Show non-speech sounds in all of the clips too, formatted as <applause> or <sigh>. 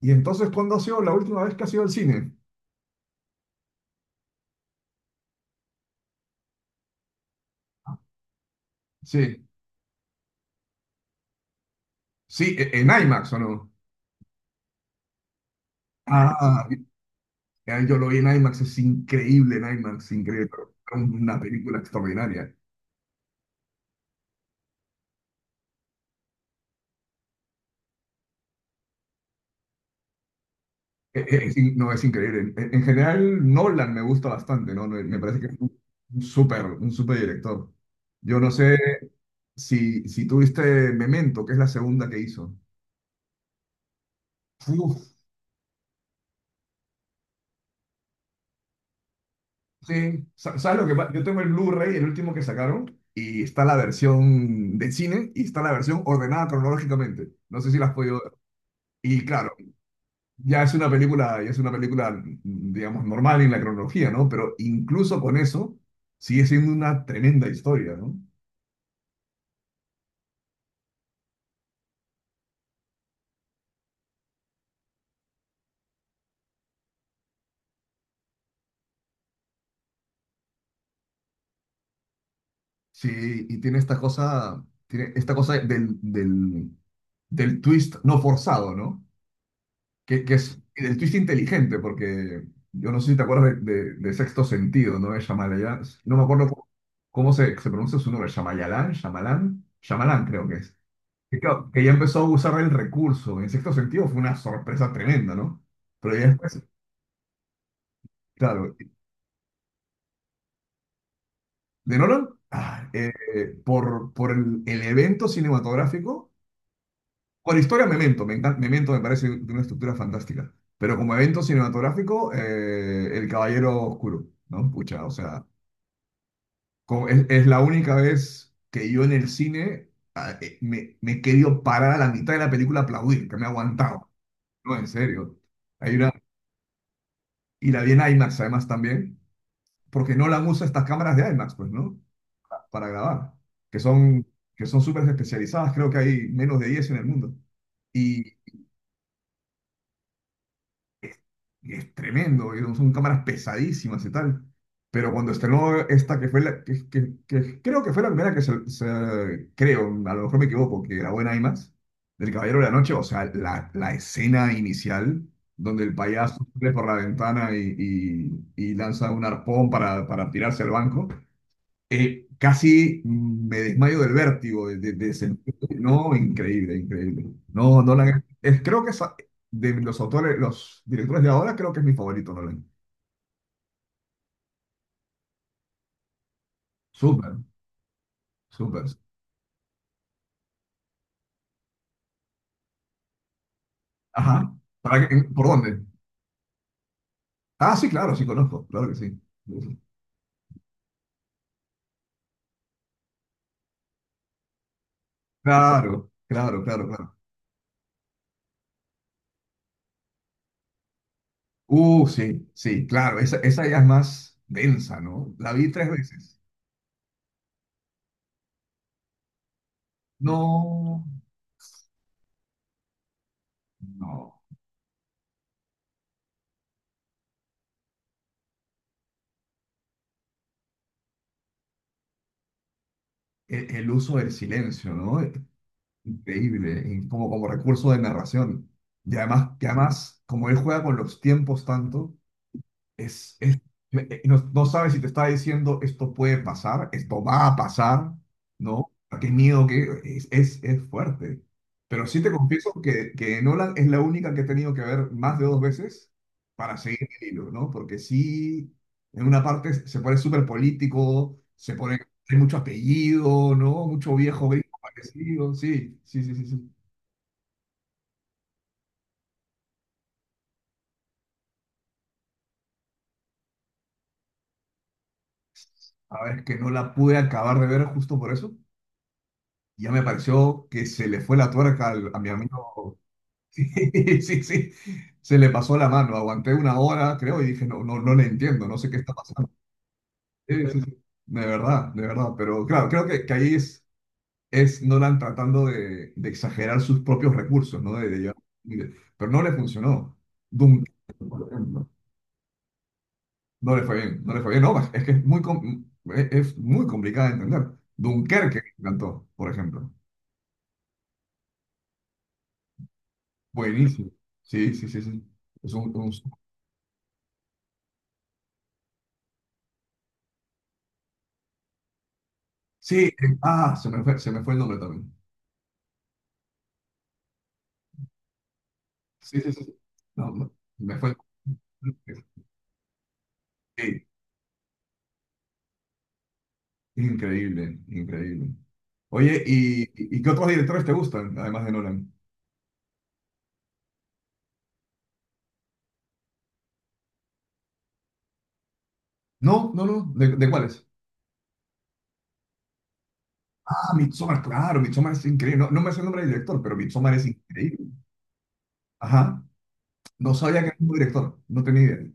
Y entonces, ¿cuándo ha sido la última vez que ha sido al cine? Sí. Sí, en IMAX, ¿o no? Ah, ya yo lo vi en IMAX, es increíble en IMAX, increíble, pero es una película extraordinaria. No, es increíble. En general, Nolan me gusta bastante, ¿no? Me parece que es un un súper director. Yo no sé si tuviste Memento, que es la segunda que hizo. Sí, ¿sabes lo que pasa? Yo tengo el Blu-ray, el último que sacaron, y está la versión de cine y está la versión ordenada cronológicamente. No sé si la has podido ver. Y claro, ya es una película, ya es una película, digamos, normal en la cronología, ¿no? Pero incluso con eso, sigue siendo una tremenda historia, ¿no? Sí, y tiene esta cosa del twist no forzado, ¿no? Que es el twist inteligente, porque yo no sé si te acuerdas de Sexto Sentido, ¿no? De Shyamalan, no me acuerdo cómo, cómo se pronuncia su nombre, Shyamalan creo que es. Que, claro, que ya empezó a usar el recurso. En Sexto Sentido fue una sorpresa tremenda, ¿no? Pero ya después, claro, de Nolan, por, el evento cinematográfico, con historia Memento, me encanta, Memento me parece de una estructura fantástica, pero como evento cinematográfico, El Caballero Oscuro, ¿no? Pucha, o sea... Como es la única vez que yo en el cine me he querido parar a la mitad de la película a aplaudir, que me ha aguantado. No, en serio. Hay una, y la vi en IMAX además también, porque no la usa estas cámaras de IMAX, pues, ¿no? Para grabar, que son que son súper especializadas, creo que hay menos de 10 en el mundo. Y, es, es tremendo, y son cámaras pesadísimas y tal. Pero cuando estrenó esta, que fue la, que, que creo que fue la primera que se, creo, a lo mejor me equivoco, que grabó en IMAX, del Caballero de la Noche, o sea, la escena inicial, donde el payaso sale por la ventana y, y lanza un arpón para tirarse al banco, casi me desmayo del vértigo, de sentir- No, increíble, increíble. No, Nolan, es, creo que es de los autores, los directores de ahora, creo que es mi favorito, Nolan. Súper, súper. Ajá. ¿Por dónde? Ah, sí, claro, sí conozco, claro que sí. Claro, claro, claro, claro. Sí, sí, claro, esa ya es más densa, ¿no? La vi 3 veces. No, no, el uso del silencio, ¿no? Increíble, y como, como recurso de narración. Y además, que además, como él juega con los tiempos tanto, es, no, no sabes si te está diciendo esto puede pasar, esto va a pasar, ¿no? Ah, qué miedo que es fuerte. Pero sí te confieso que Nolan es la única que he tenido que ver más de 2 veces para seguir el hilo, ¿no? Porque sí, en una parte se pone súper político, se pone, hay mucho apellido, ¿no? Mucho viejo gringo parecido, sí, sí, sí, sí, sí. A ver, es que no la pude acabar de ver justo por eso. Ya me pareció que se le fue la tuerca a mi amigo Sí, <laughs> sí, sí. Se le pasó la mano. Aguanté una hora, creo, y dije, no, no, no le entiendo, no sé qué está pasando. Sí, sí, sí. De verdad, de verdad. Pero claro, creo que ahí es Nolan tratando de exagerar sus propios recursos, ¿no? Pero no le funcionó. Duncan, por ejemplo, no le fue bien, no le fue bien. No, es que es muy, es muy complicada de entender. Dunkerque me encantó, por ejemplo. Buenísimo. Sí, sí, sí, sí. Es un- Sí, ah, se me fue el nombre también. Sí, sí, sí. No, no, me fue. Sí, increíble, increíble. Oye, ¿y qué otros directores te gustan, además de Nolan? No, no, no. ¿De cuáles? Ah, Midsommar, claro, Midsommar es increíble. No, no me sé el nombre del director, pero Midsommar es increíble. Ajá. No sabía que era un director, no tenía idea.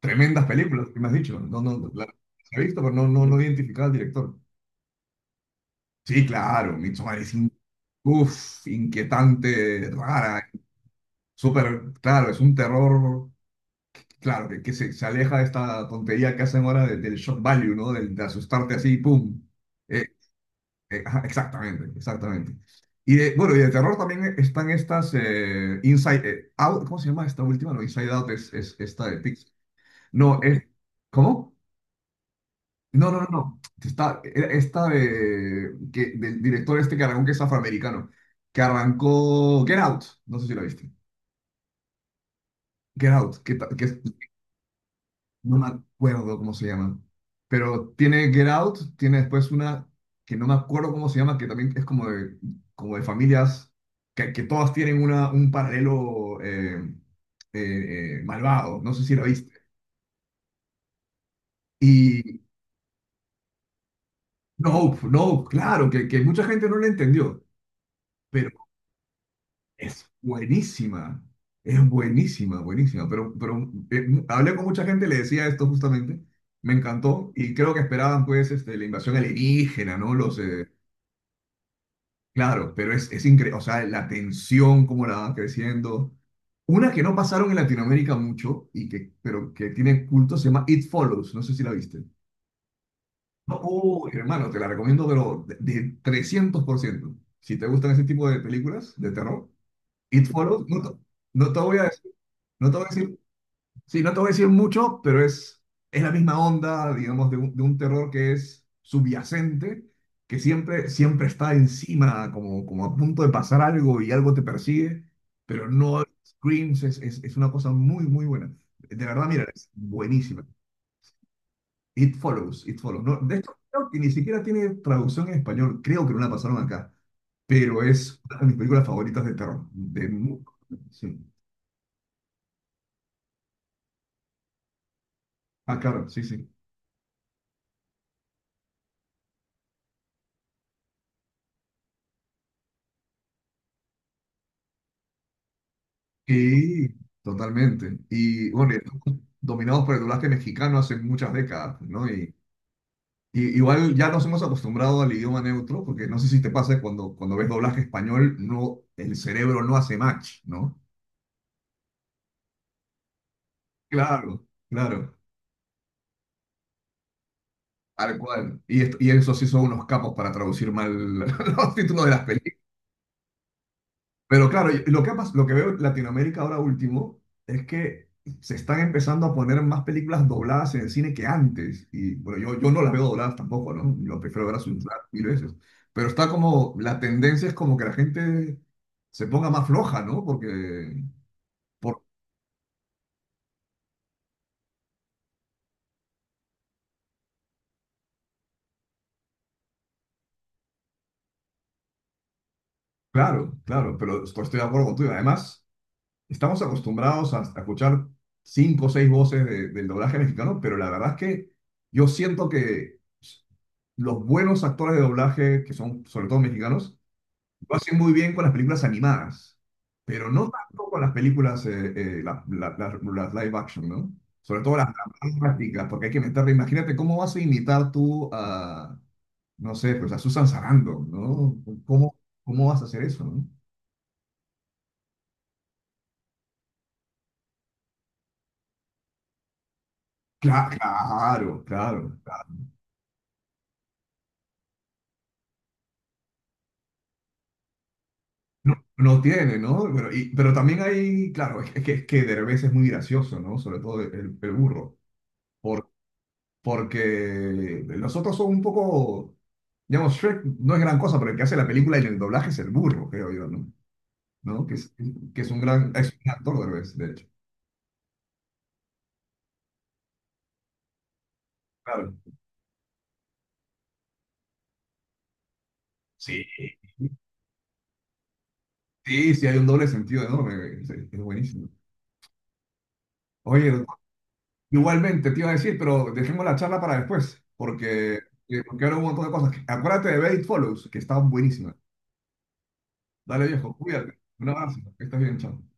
Tremendas películas, que me has dicho. No, no, la he visto, pero no, no, no identificaba al director. Sí, claro, Midsommar es in- uf, inquietante, rara, súper, claro, es un terror claro, que se aleja de esta tontería que hacen ahora del shock value, ¿no? De asustarte así, ¡pum! Eh, ajá, exactamente, exactamente. Y de, bueno, y de terror también están estas Inside Out, ¿cómo se llama esta última? No, Inside Out es esta de Pixar. No, es, ¿cómo? No, no, no, no. Está, era esta de, que, del director este que arrancó, que es afroamericano, que arrancó Get Out, no sé si la viste. Get Out, que, que es no me acuerdo cómo se llama, pero tiene Get Out, tiene después una que no me acuerdo cómo se llama, que también es como de familias, que todas tienen una, un paralelo malvado, no sé si lo viste. Y no, no, claro, que mucha gente no la entendió, pero es buenísima. Es buenísima, buenísima, pero hablé con mucha gente, le decía esto justamente, me encantó y creo que esperaban pues este, la invasión alienígena, ¿no? Los, claro, pero es increíble, o sea, la tensión, cómo la van creciendo. Una que no pasaron en Latinoamérica mucho, y que, pero que tiene culto, se llama It Follows, no sé si la viste. Oh, hermano, te la recomiendo, pero de 300%. Si te gustan ese tipo de películas de terror, It Follows, no te, no te voy a decir, no te voy a decir sí, no te voy a decir mucho, pero es la misma onda, digamos, de un terror que es subyacente, que siempre, siempre está encima, como, como a punto de pasar algo y algo te persigue, pero no screams, es una cosa muy, muy buena. De verdad, mira, es buenísima. It Follows, It Follows. No, de esto creo que ni siquiera tiene traducción en español, creo que no la pasaron acá, pero es una de mis películas favoritas de terror. De, mu- sí. Ah, claro, sí, sí. Sí, totalmente. Y bueno, y estamos dominados por el doblaje mexicano hace muchas décadas, ¿no? Y igual ya nos hemos acostumbrado al idioma neutro, porque no sé si te pasa cuando, cuando ves doblaje español, no, el cerebro no hace match, ¿no? Claro, claro, tal cual. Y, y eso sí son unos capos para traducir mal <laughs> los títulos de las películas. Pero claro, lo que, lo que veo en Latinoamérica ahora último es que se están empezando a poner más películas dobladas en el cine que antes. Y bueno, yo no las veo dobladas tampoco, ¿no? Yo prefiero verlas mm subtituladas 1000 veces. Pero está como, la tendencia es como que la gente se ponga más floja, ¿no? Porque, por, claro, claro, pero estoy de acuerdo contigo. Además... estamos acostumbrados a escuchar cinco o seis voces del doblaje mexicano, pero la verdad es que yo siento que los buenos actores de doblaje, que son sobre todo mexicanos, lo hacen muy bien con las películas animadas, pero no tanto con las películas, las live action, ¿no? Sobre todo las dramáticas, porque hay que meterle, imagínate cómo vas a imitar tú a, no sé, pues a Susan Sarandon, ¿no? ¿Cómo, cómo vas a hacer eso, no? Claro, claro, claro. No, no tiene, ¿no? Pero, pero también hay, claro, es, es que Derbez es muy gracioso, ¿no? Sobre todo el burro. Por, porque los otros son un poco, digamos, Shrek no es gran cosa, pero el que hace la película y el doblaje es el burro, creo yo, ¿no? ¿No? Que es un gran, es un actor Derbez, de hecho. Claro. Sí. Sí, sí, hay un doble sentido enorme. Es buenísimo. Oye, doctor, igualmente te iba a decir, pero dejemos la charla para después, porque, porque ahora hubo un montón de cosas. Acuérdate de Bait Follows, que está buenísima. Dale viejo, cuídate. Un abrazo, que estés bien, chao.